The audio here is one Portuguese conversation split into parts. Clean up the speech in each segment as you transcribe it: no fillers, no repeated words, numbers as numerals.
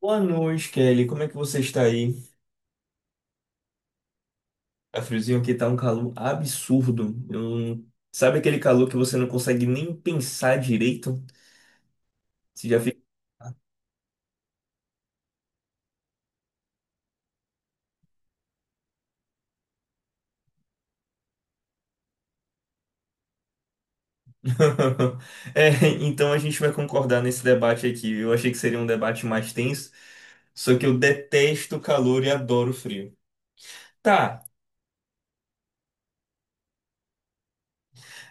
Boa noite, Kelly. Como é que você está aí? Tá friozinho aqui, tá um calor absurdo. Eu não- Sabe aquele calor que você não consegue nem pensar direito? Você já fica. É, então a gente vai concordar nesse debate aqui. Eu achei que seria um debate mais tenso, só que eu detesto o calor e adoro o frio. Tá,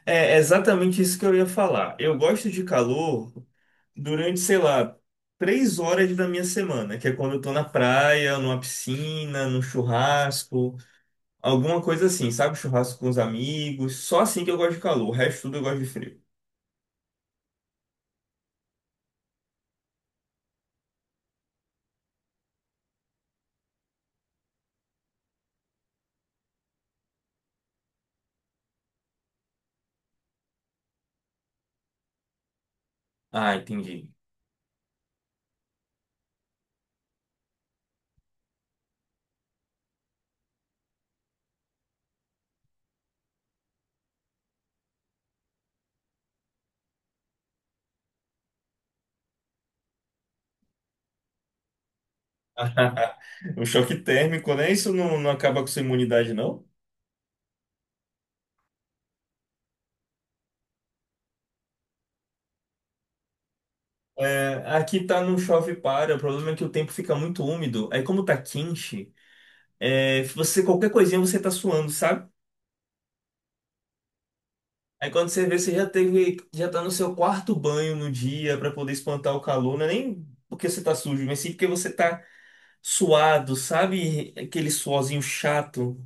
é exatamente isso que eu ia falar. Eu gosto de calor durante, sei lá, 3 horas da minha semana, que é quando eu tô na praia, numa piscina, num churrasco. Alguma coisa assim, sabe? Churrasco com os amigos. Só assim que eu gosto de calor. O resto tudo eu gosto de frio. Ah, entendi. Um choque térmico, né? Isso não, não acaba com sua imunidade, não? É, aqui tá não chove para. O problema é que o tempo fica muito úmido. Aí como tá quente, você qualquer coisinha você tá suando, sabe? Aí quando você vê, você já teve, já tá no seu quarto banho no dia pra poder espantar o calor. Não é nem porque você tá sujo, mas sim porque você tá suado, sabe? Aquele suorzinho chato.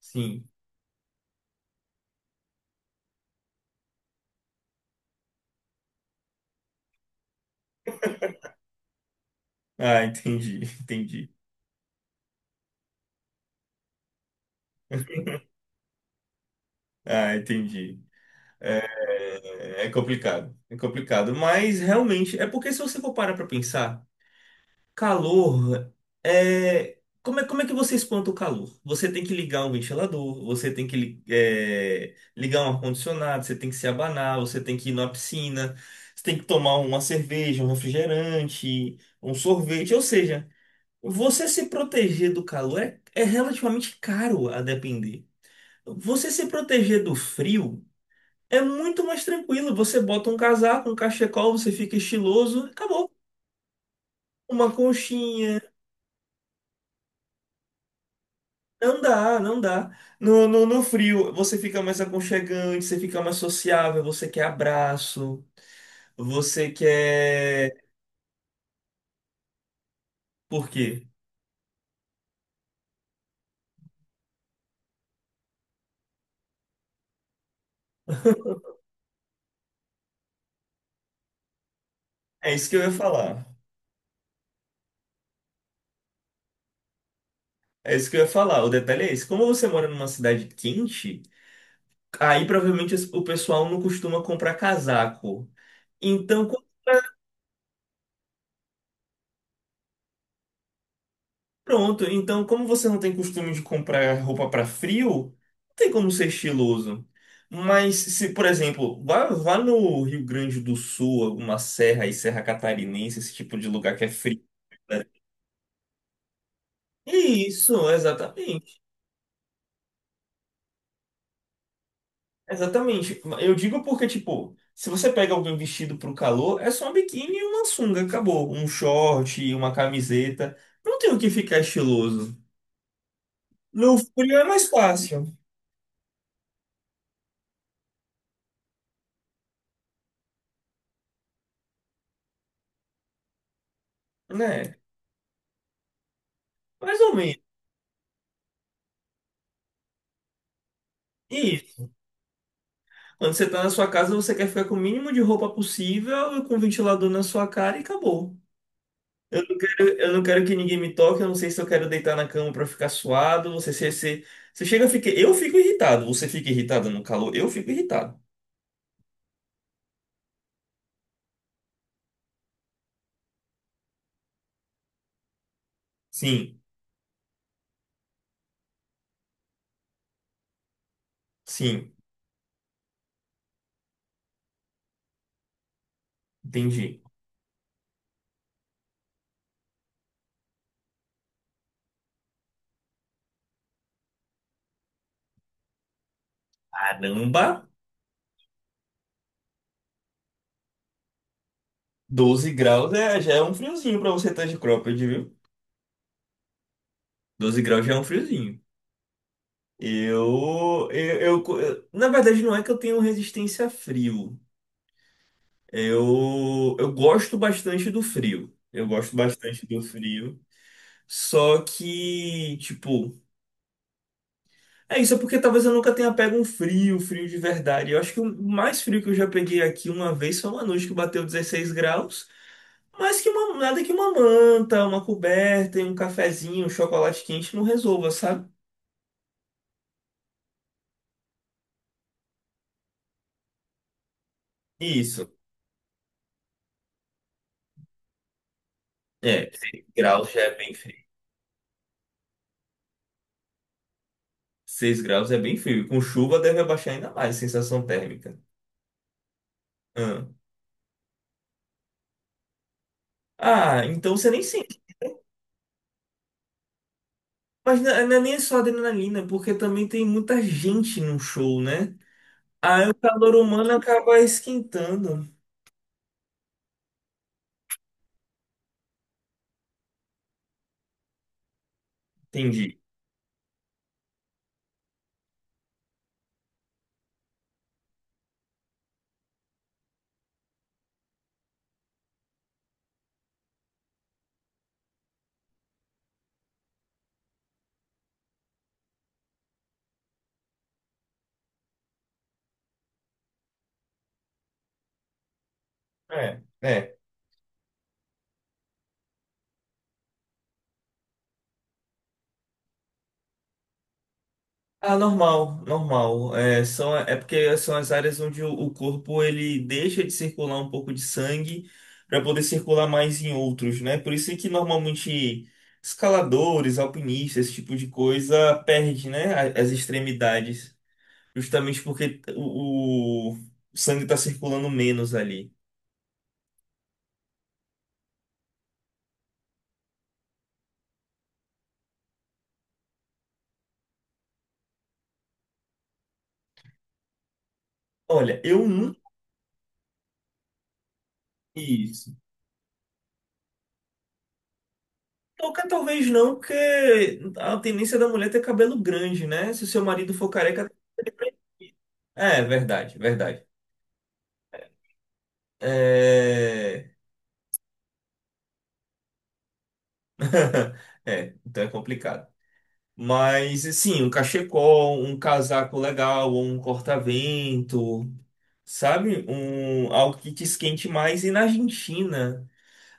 Sim. Ah, entendi, entendi. Ah, entendi. É, é complicado, é complicado. Mas realmente, é porque se você for parar pra pensar, calor é. Como é, como é que você espanta o calor? Você tem que ligar um ventilador, você tem que ligar um ar-condicionado, você tem que se abanar, você tem que ir na piscina, você tem que tomar uma cerveja, um refrigerante, um sorvete. Ou seja, você se proteger do calor é relativamente caro a depender. Você se proteger do frio é muito mais tranquilo. Você bota um casaco, um cachecol, você fica estiloso, acabou. Uma conchinha. Não dá, não dá. No frio, você fica mais aconchegante, você fica mais sociável, você quer abraço, você quer. Por quê? É isso que eu ia falar. É isso que eu ia falar. O detalhe é esse. Como você mora numa cidade quente, aí provavelmente o pessoal não costuma comprar casaco. Então, pronto, então como você não tem costume de comprar roupa para frio, não tem como ser estiloso. Mas se, por exemplo, vá, vá no Rio Grande do Sul, alguma serra e Serra Catarinense, esse tipo de lugar que é frio. Isso, exatamente. Exatamente. Eu digo porque, tipo, se você pega alguém vestido pro calor, é só um biquíni e uma sunga, acabou. Um short, uma camiseta. Não tem o que ficar estiloso. No frio é mais fácil, né? Mais ou menos. Quando você tá na sua casa, você quer ficar com o mínimo de roupa possível, com o ventilador na sua cara e acabou. Eu não quero que ninguém me toque, eu não sei se eu quero deitar na cama pra ficar suado. Você chega a ficar. Eu fico irritado. Você fica irritado no calor? Eu fico irritado. Sim, sim, entendi. Caramba, 12 graus já é um friozinho pra você estar de cropped, viu? 12 graus já é um friozinho. Na verdade, não é que eu tenho resistência a frio. Eu gosto bastante do frio. Eu gosto bastante do frio. Só que, tipo, é isso, é porque talvez eu nunca tenha pego um frio, frio de verdade. Eu acho que o mais frio que eu já peguei aqui uma vez foi uma noite que bateu 16 graus. Mas que nada que uma manta, uma coberta e um cafezinho, um chocolate quente não resolva, sabe? Isso. É, 6 graus já é bem frio. 6 graus é bem frio. Com chuva deve abaixar ainda mais a sensação térmica. Ah, Ah, então você nem sente. Mas não é nem só adrenalina, porque também tem muita gente no show, né? Aí o calor humano acaba esquentando. Entendi. É, é. Ah, normal, normal. É porque são as áreas onde o corpo ele deixa de circular um pouco de sangue para poder circular mais em outros, né? Por isso é que normalmente escaladores, alpinistas, esse tipo de coisa perde, né? As extremidades, justamente porque o sangue está circulando menos ali. Olha, eu nunca vi isso. Touca talvez não, porque a tendência da mulher é ter cabelo grande, né? Se o seu marido for careca. É, verdade, verdade. É. É, então é complicado. Mas, assim, um cachecol, um casaco legal, ou um corta-vento, sabe? Um, algo que te esquente mais. E na Argentina.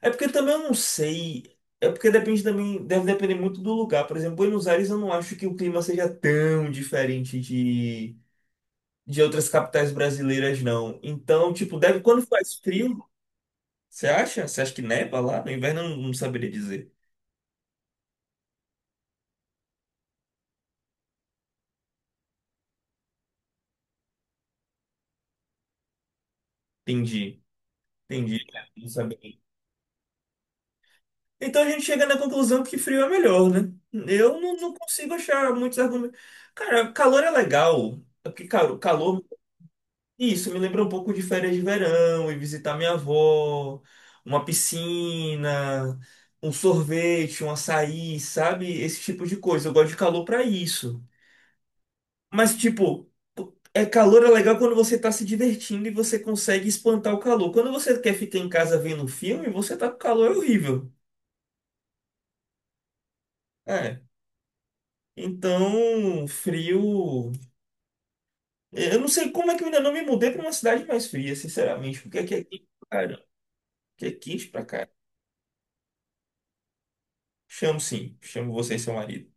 É porque também eu não sei. É porque depende também, deve depender muito do lugar. Por exemplo, Buenos Aires eu não acho que o clima seja tão diferente de outras capitais brasileiras, não. Então, tipo, deve quando faz frio, você acha? Você acha que neva lá? No inverno eu não, não saberia dizer. Entendi, entendi. Não sabia. Então a gente chega na conclusão que frio é melhor, né? Eu não, não consigo achar muitos argumentos. Cara, calor é legal. É. Porque, cara, o calor, isso me lembra um pouco de férias de verão, e visitar minha avó, uma piscina, um sorvete, um açaí, sabe? Esse tipo de coisa. Eu gosto de calor pra isso. Mas, tipo, é calor é legal quando você tá se divertindo e você consegue espantar o calor. Quando você quer ficar em casa vendo um filme, você tá com calor é horrível. É. Então, frio. Eu não sei como é que eu ainda não me mudei pra uma cidade mais fria, sinceramente, porque aqui é quente pra caramba. Aqui é quente pra caramba. Chamo sim, chamo você e seu marido.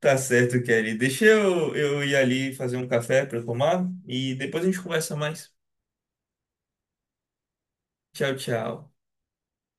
Tá certo, Kelly. Deixa eu ir ali fazer um café para tomar e depois a gente conversa mais. Tchau, tchau.